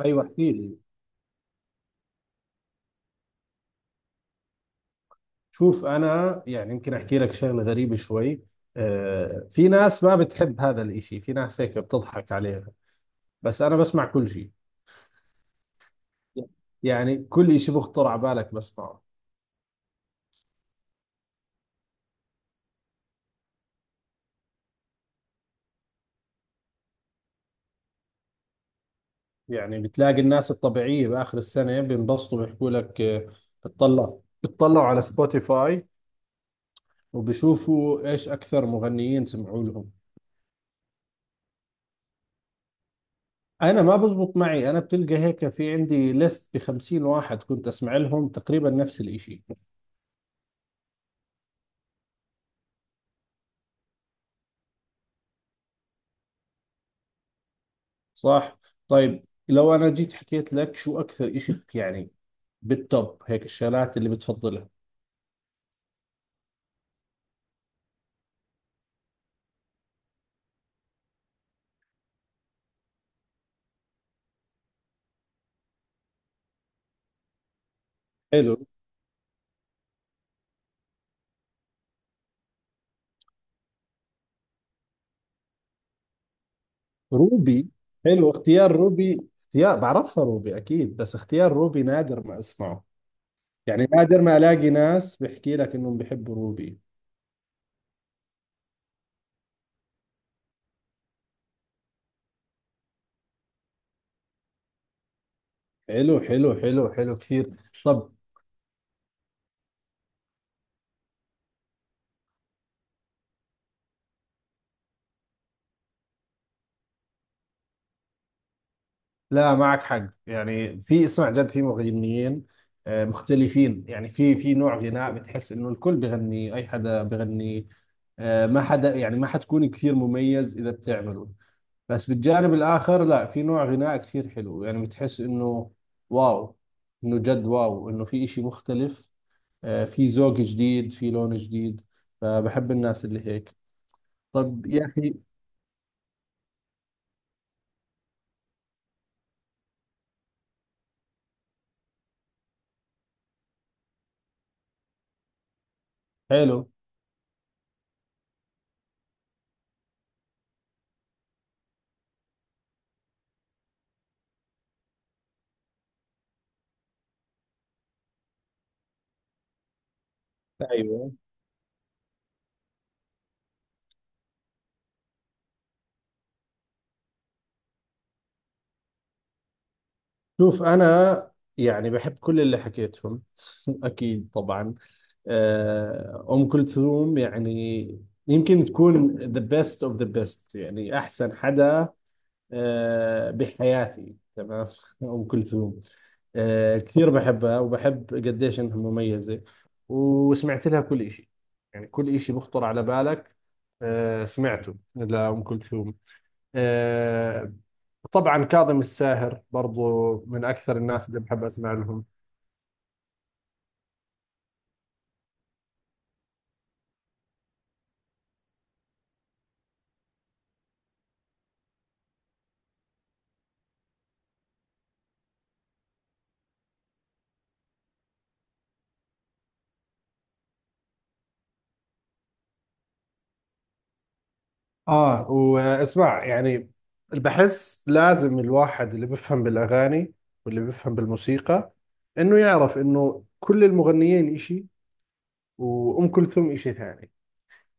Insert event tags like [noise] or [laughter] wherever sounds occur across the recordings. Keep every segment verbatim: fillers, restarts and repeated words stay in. ايوه احكي لي. شوف، انا يعني يمكن احكي لك شغله غريبه شوي. آه، في ناس ما بتحب هذا الاشي، في ناس هيك بتضحك عليها. بس انا بسمع كل شيء، يعني كل اشي بخطر على بالك بسمعه. يعني بتلاقي الناس الطبيعيه باخر السنه بينبسطوا بيحكوا لك، آه، بتطلع بتطلعوا على سبوتيفاي وبشوفوا ايش اكثر مغنيين سمعوا لهم. انا ما بزبط معي، انا بتلقى هيك في عندي ليست ب خمسين واحد كنت اسمع لهم تقريبا نفس الاشي. صح. طيب لو انا جيت حكيت لك شو اكثر اشي يعني بالتوب هيك الشغلات اللي بتفضلها. حلو. روبي. حلو اختيار روبي، اختيار بعرفها روبي اكيد، بس اختيار روبي نادر ما اسمعه، يعني نادر ما الاقي ناس بحكي لك انهم بحبوا روبي. حلو حلو حلو حلو كثير. طب. لا معك حق، يعني في، اسمع جد في مغنيين آه، مختلفين. يعني في في نوع غناء بتحس انه الكل بغني، اي حدا بغني آه، ما حدا، يعني ما حتكون كثير مميز اذا بتعمله. بس بالجانب الاخر لا، في نوع غناء كثير حلو، يعني بتحس انه واو، انه جد واو، انه في اشي مختلف، آه، في ذوق جديد في لون جديد، فبحب الناس اللي هيك. طب يا اخي. حلو. ايوه. شوف انا يعني بحب كل اللي حكيتهم. [laughs] اكيد طبعا. آه، ام كلثوم يعني يمكن تكون the best of the best، يعني احسن حدا آه، بحياتي، تمام. [laughs] أم كلثوم آه، كثير بحبها، وبحب قديش إنها مميزة، وسمعت لها كل إشي. يعني كل إشي بخطر على بالك آه، سمعته لأم كلثوم. آه، طبعا كاظم الساهر برضو من أكثر الناس اللي بحب أسمع لهم. آه، واسمع يعني بحس لازم الواحد اللي بيفهم بالأغاني واللي بيفهم بالموسيقى إنه يعرف إنه كل المغنيين إشي، وأم كلثوم إشي ثاني.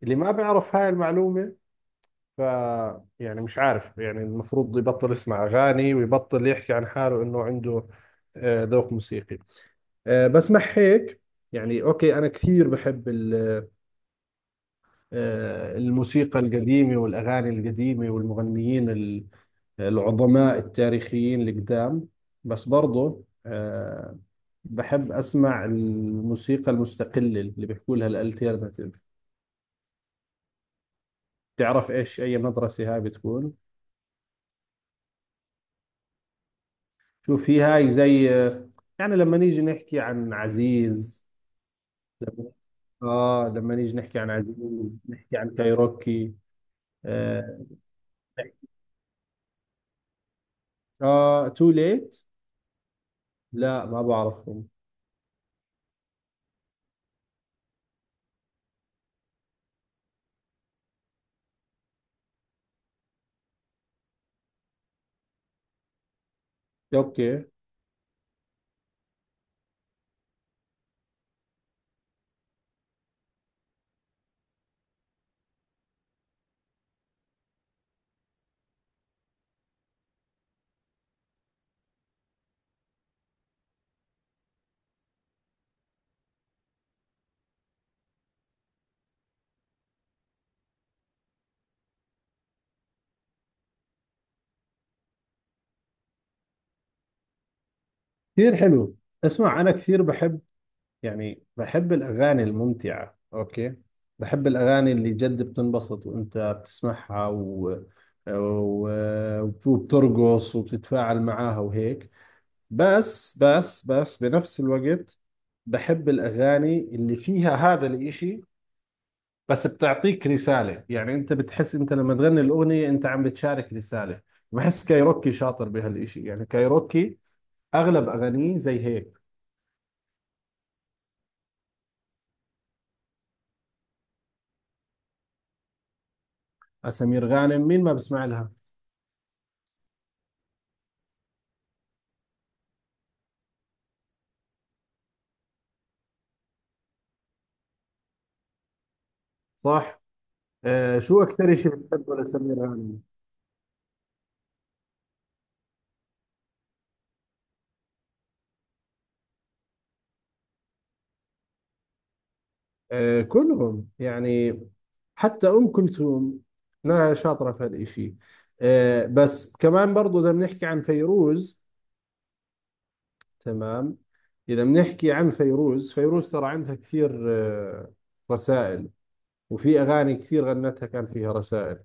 اللي ما بيعرف هاي المعلومة، ف يعني مش عارف، يعني المفروض يبطل يسمع أغاني ويبطل يحكي عن حاله إنه عنده آه، ذوق موسيقي. آه، بس مع هيك، يعني أوكي، أنا كثير بحب ال- آه، الموسيقى القديمة والأغاني القديمة والمغنيين ال- العظماء التاريخيين القدام. بس برضو آه، بحب أسمع الموسيقى المستقلة اللي بيحكوا لها الالتيرناتيف. تعرف ايش اي مدرسة هاي بتكون؟ شوف، هي هاي زي، يعني لما نيجي نحكي عن عزيز، لما اه لما نيجي نحكي عن عزيز، نحكي عن كايروكي. اه, آه تو ليت. لا ما بعرفهم. اوكي. كثير حلو. اسمع، انا كثير بحب، يعني بحب الاغاني الممتعة، اوكي؟ بحب الاغاني اللي جد بتنبسط وانت بتسمعها و... و... وبترقص وبتتفاعل معاها وهيك. بس بس بس بنفس الوقت بحب الأغاني اللي فيها هذا الإشي، بس بتعطيك رسالة، يعني أنت بتحس أنت لما تغني الأغنية أنت عم بتشارك رسالة. بحس كايروكي شاطر بهالإشي، يعني كايروكي أغلب أغانيه زي هيك. سمير غانم، مين ما بسمع لها؟ صح. آه، شو أكثر إشي بتحبه لسمير غانم؟ آه، كلهم يعني. حتى أم كلثوم لا، شاطرة في هالإشي. آه، بس كمان برضو إذا بنحكي عن فيروز، تمام؟ إذا بنحكي عن فيروز، فيروز ترى عندها كثير آه، رسائل، وفي أغاني كثير غنتها كان فيها رسائل،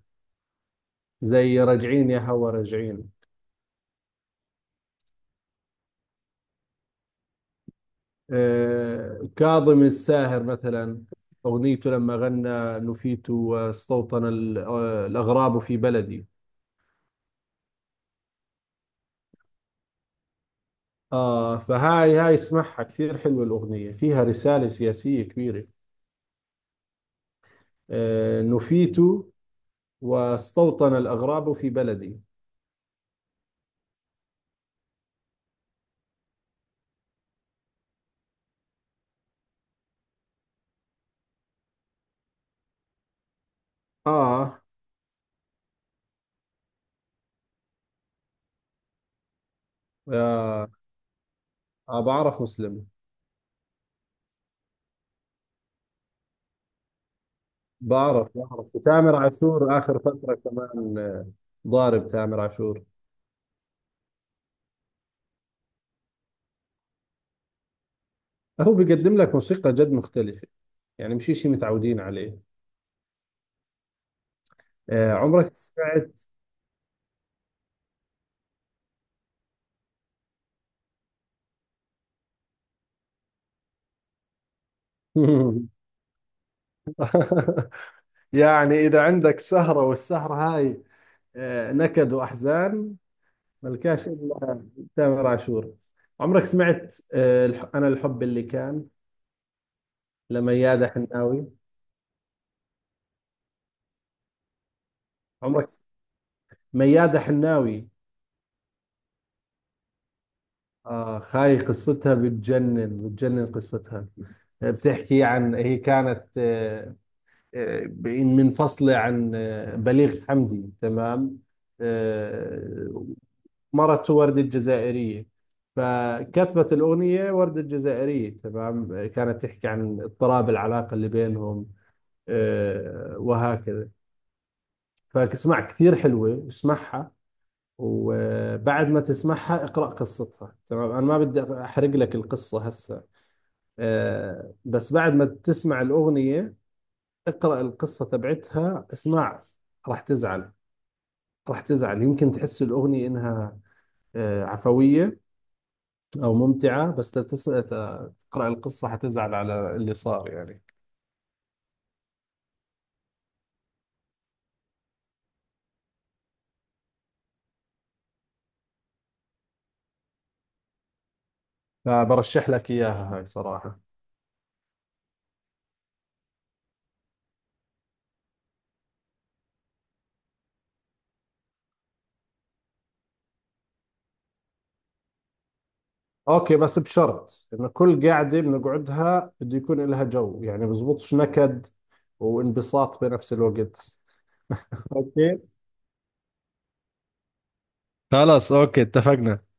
زي راجعين يا هوا راجعين. آه، كاظم الساهر مثلا أغنيته لما غنى نفيت واستوطن ال- آه، الأغراب في بلدي. آه فهاي، هاي اسمعها، كثير حلوة الأغنية، فيها رسالة سياسية كبيرة. آه، نفيت واستوطن الأغراب في بلدي. آه, آه. آه بعرف مسلم. بعرف، بعرف تامر عاشور آخر فترة كمان، آه، ضارب تامر عاشور. هو بيقدم لك موسيقى جد مختلفة، يعني مش شيء متعودين عليه. آه عمرك سمعت؟ [laughs] يعني إذا عندك سهرة والسهرة هاي آه نكد وأحزان، ملكاش إلا تامر عاشور. عمرك سمعت آه الح- أنا الحب اللي كان لميادة حناوي؟ عمرك س- ميادة حناوي. آه خاي، قصتها بتجنن، بتجنن قصتها. آه، بتحكي عن، هي كانت آه، آه، منفصلة عن آه، بليغ حمدي، تمام؟ آه، مرته وردة جزائرية، فكتبت الأغنية وردة جزائرية، تمام؟ كانت تحكي عن اضطراب العلاقة اللي بينهم، آه، وهكذا. فاسمع، كثير حلوة، اسمعها، وبعد ما تسمعها اقرأ قصتها، تمام؟ أنا ما بدي أحرق لك القصة هسه. آه، بس بعد ما تسمع الأغنية اقرأ القصة تبعتها. اسمع، راح تزعل، راح تزعل. يمكن تحس الأغنية إنها آه، عفوية أو ممتعة، بس لتس- ت- تقرأ القصة حتزعل على اللي صار يعني. فبرشح لك إياها هاي صراحة. أوكي، بس بشرط إنه كل قاعدة بنقعدها بده يكون لها جو، يعني بزبطش نكد وانبساط بنفس الوقت. أوكي. خلاص اوكي اتفقنا.